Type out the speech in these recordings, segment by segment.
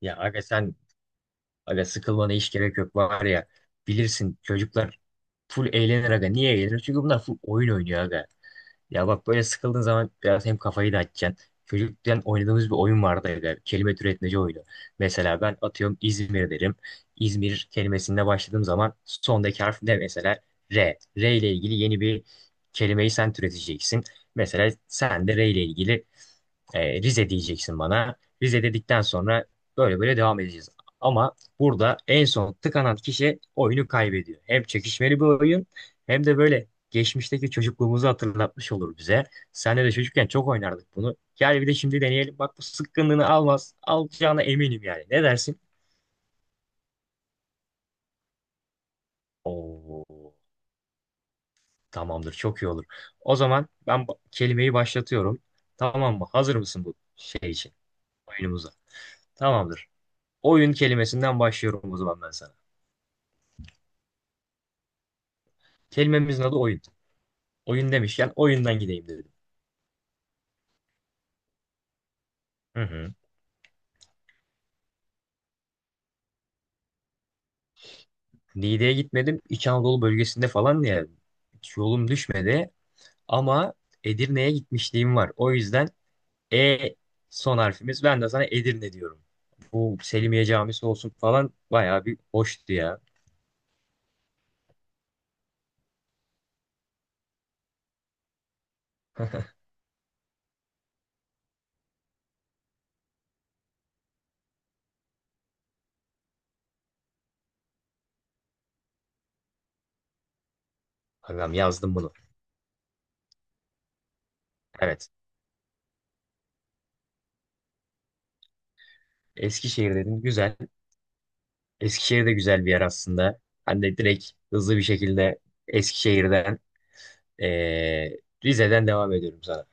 Ya aga sen aga sıkılmana hiç gerek yok var ya, bilirsin çocuklar full eğlenir aga. Niye eğlenir? Çünkü bunlar full oyun oynuyor aga. Ya bak, böyle sıkıldığın zaman biraz hem kafayı da dağıtacaksın. Çocukken oynadığımız bir oyun vardı aga, kelime türetmeci oyunu. Mesela ben atıyorum İzmir derim. İzmir kelimesinde başladığım zaman sondaki harf ne mesela? R. R ile ilgili yeni bir kelimeyi sen türeteceksin. Mesela sen de R ile ilgili Rize diyeceksin bana. Rize dedikten sonra böyle böyle devam edeceğiz. Ama burada en son tıkanan kişi oyunu kaybediyor. Hem çekişmeli bir oyun hem de böyle geçmişteki çocukluğumuzu hatırlatmış olur bize. Senle de çocukken çok oynardık bunu. Gel bir de şimdi deneyelim. Bak bu sıkkınlığını almaz. Alacağına eminim yani. Ne dersin? Oo, tamamdır, çok iyi olur. O zaman ben bu kelimeyi başlatıyorum. Tamam mı? Hazır mısın bu şey için? Oyunumuza. Tamamdır. Oyun kelimesinden başlıyorum o zaman ben sana. Kelimemizin adı oyun. Oyun demişken oyundan gideyim dedim. Hı hı. Niğde'ye gitmedim. İç Anadolu bölgesinde falan ya, hiç yolum düşmedi. Ama Edirne'ye gitmişliğim var. O yüzden E son harfimiz. Ben de sana Edirne diyorum. Bu Selimiye Camisi olsun falan bayağı bir hoştu ya. Adam yazdım bunu. Evet. Eskişehir dedim. Güzel. Eskişehir de güzel bir yer aslında. Hani de direkt hızlı bir şekilde Eskişehir'den Ee, Rize'den devam ediyorum sana.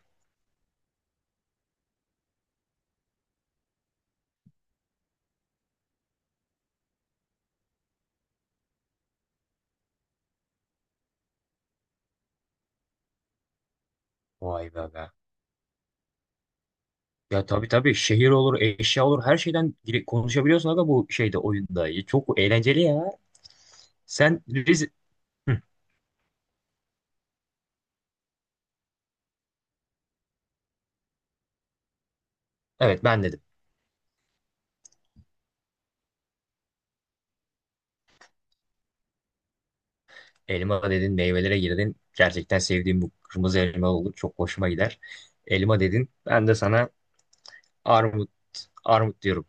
Vay be be. Ya tabii tabii, şehir olur, eşya olur. Her şeyden konuşabiliyorsun aga bu şeyde, oyunda. Ya çok eğlenceli ya. Sen Rize... Hı, evet, ben dedim. Elma dedin, meyvelere girdin. Gerçekten sevdiğim bu kırmızı elma olur. Çok hoşuma gider. Elma dedin. Ben de sana armut, armut diyorum.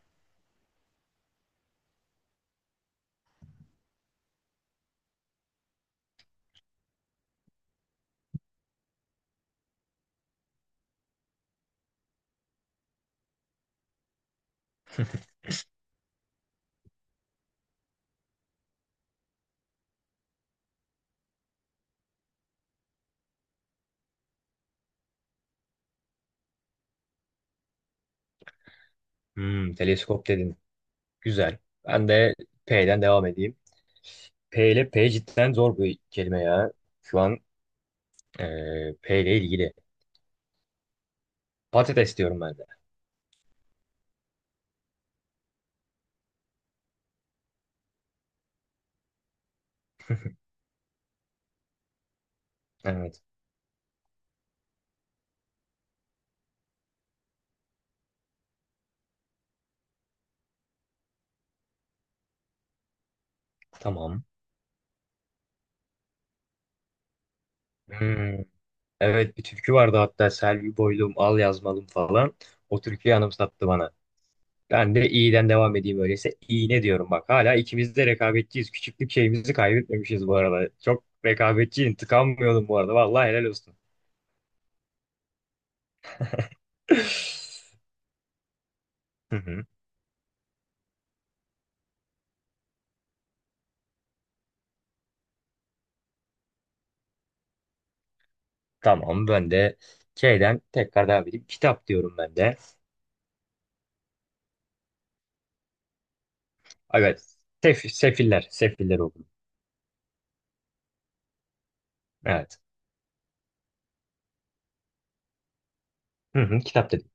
Teleskop dedin. Güzel. Ben de P'den devam edeyim. P ile P cidden zor bir kelime ya. Şu an P ile ilgili. Patates diyorum ben de. Evet. Tamam. Hmm, Evet, bir türkü vardı hatta, Selvi Boylum al yazmalım falan. O türküyü anımsattı bana. Ben de iyiden devam edeyim öyleyse. İğne diyorum, bak. Hala ikimiz de rekabetçiyiz. Küçüklük şeyimizi kaybetmemişiz bu arada. Çok rekabetçiyim. Tıkanmıyordum bu arada. Vallahi helal olsun. Hı hı. Tamam, ben de şeyden tekrar devam edeyim. Kitap diyorum ben de. Evet. Sefiller. Sefiller okudum. Evet. Hı hı, kitap dedim.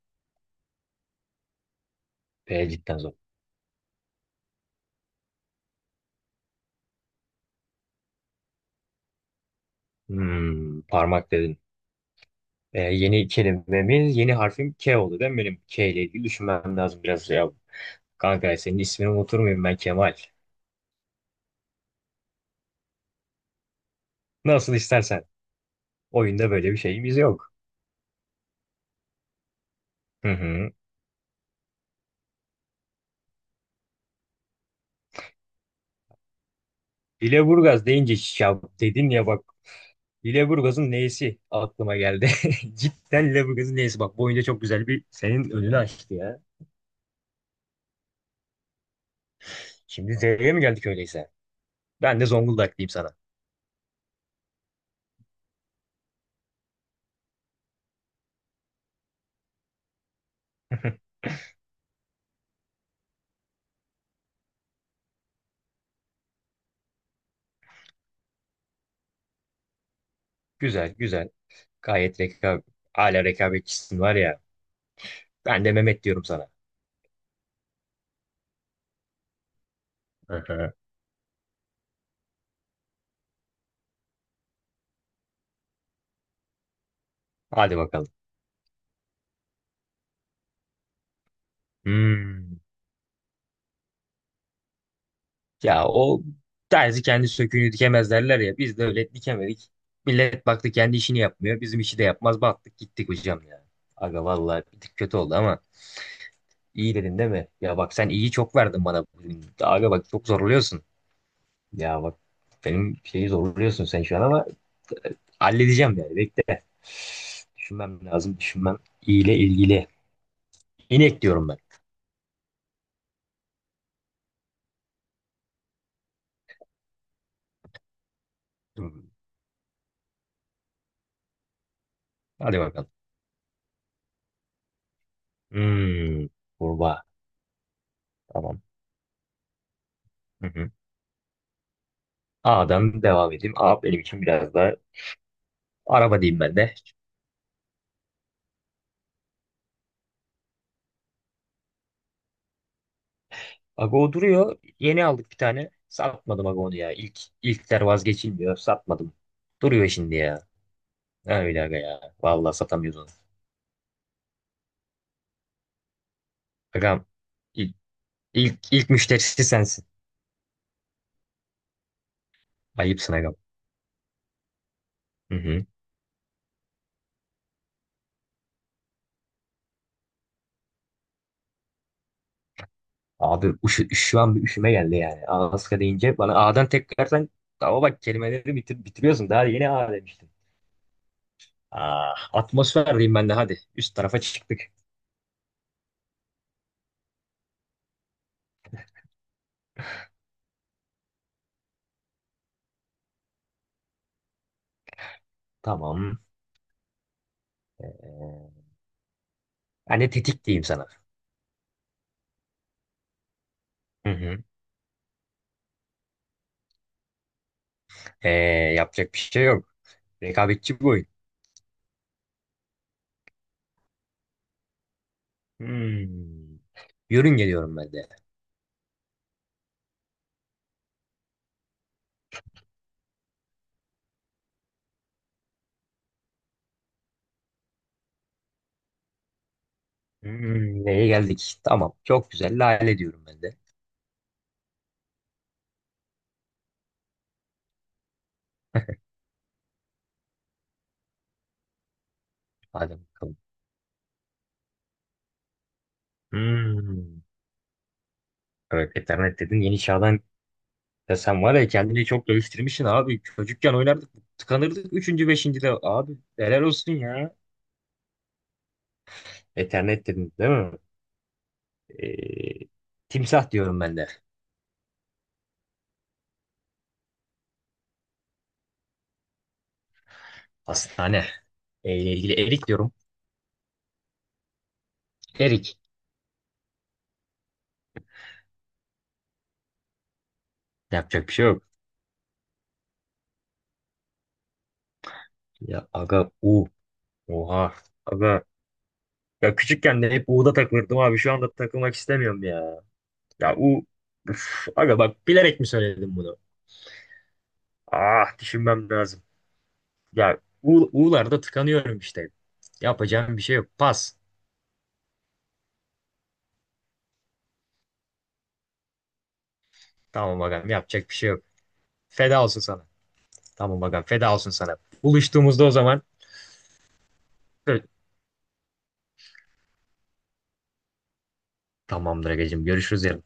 P cidden zor. Parmak dedin. Yeni kelimemiz, yeni harfim K oldu değil mi benim? K ile ilgili düşünmem lazım biraz ya. Kanka, senin ismini unutur muyum ben, Kemal? Nasıl istersen. Oyunda böyle bir şeyimiz yok. Hı hı. Hileburgaz deyince ya dedin ya, bak. Hileburgaz'ın neyisi aklıma geldi. Cidden Hileburgaz'ın neyisi, bak. Bu oyunda çok güzel bir senin önünü açtı ya. Şimdi Z'ye mi geldik öyleyse? Ben de Zonguldak diyeyim sana. Güzel güzel. Gayet rekabet. Hala rekabetçisin var ya. Ben de Mehmet diyorum sana. Hı hı. Hadi bakalım. Hmm. Ya o terzi kendi söküğünü dikemez derler ya. Biz de öyle dikemedik. Millet baktı, kendi işini yapmıyor. Bizim işi de yapmaz. Battık gittik hocam ya. Aga vallahi bir tık kötü oldu ama iyi dedin değil mi? Ya bak, sen iyi çok verdin bana bugün. Aga bak, çok zorluyorsun. Ya bak, benim şeyi zorluyorsun sen şu an ama halledeceğim yani, bekle. Düşünmem lazım, düşünmem. İyi ile ilgili. İnek diyorum ben. Hmm. Hadi bakalım. Hmm. Kurbağa. Tamam. A'dan devam edeyim. A benim için biraz daha, araba diyeyim ben de. Ago duruyor. Yeni aldık bir tane. Satmadım Ago'nu ya. İlk, ilkler vazgeçilmiyor. Satmadım. Duruyor şimdi ya. Ha, öyle aga ya. Vallahi satamıyoruz onu. Agam ilk, ilk müşterisi sensin. Ayıpsın agam. Hı hı. Abi şu an bir üşüme geldi yani. Alaska deyince bana A'dan tekrardan, ama bak kelimeleri bitiriyorsun. Daha yeni A demiştin. Ah, atmosfer diyeyim ben de hadi. Üst tarafa çıktık. Tamam. Ee, Ben tetik diyeyim sana. Hı hı. Ee, Yapacak bir şey yok. Rekabetçi bir oyun. Hmm. Yörün geliyorum ben de. Neye geldik? Tamam. Çok güzel. Lale diyorum ben de. Hadi bakalım. Hmm. Evet, Ethernet dedin. Yeni çağdan ya, sen var ya, kendini çok dövüştürmüşsün abi. Çocukken oynardık. Tıkanırdık. Üçüncü, beşinci de. Abi helal olsun ya. Ethernet dedin değil mi? Ee, Timsah diyorum ben de. Hastane. E ile ilgili erik diyorum. Erik. Yapacak bir şey yok. Ya aga U. Oha. Aga. Ya küçükken de hep U'da takılırdım abi. Şu anda takılmak istemiyorum ya. Ya U. Üf, aga bak, bilerek mi söyledim bunu? Ah, düşünmem lazım. Ya U, U'larda tıkanıyorum işte. Yapacağım bir şey yok. Pas. Tamam agam, yapacak bir şey yok. Feda olsun sana. Tamam agam, feda olsun sana. Buluştuğumuzda o zaman. Ö- Tamamdır agacığım, görüşürüz yarın.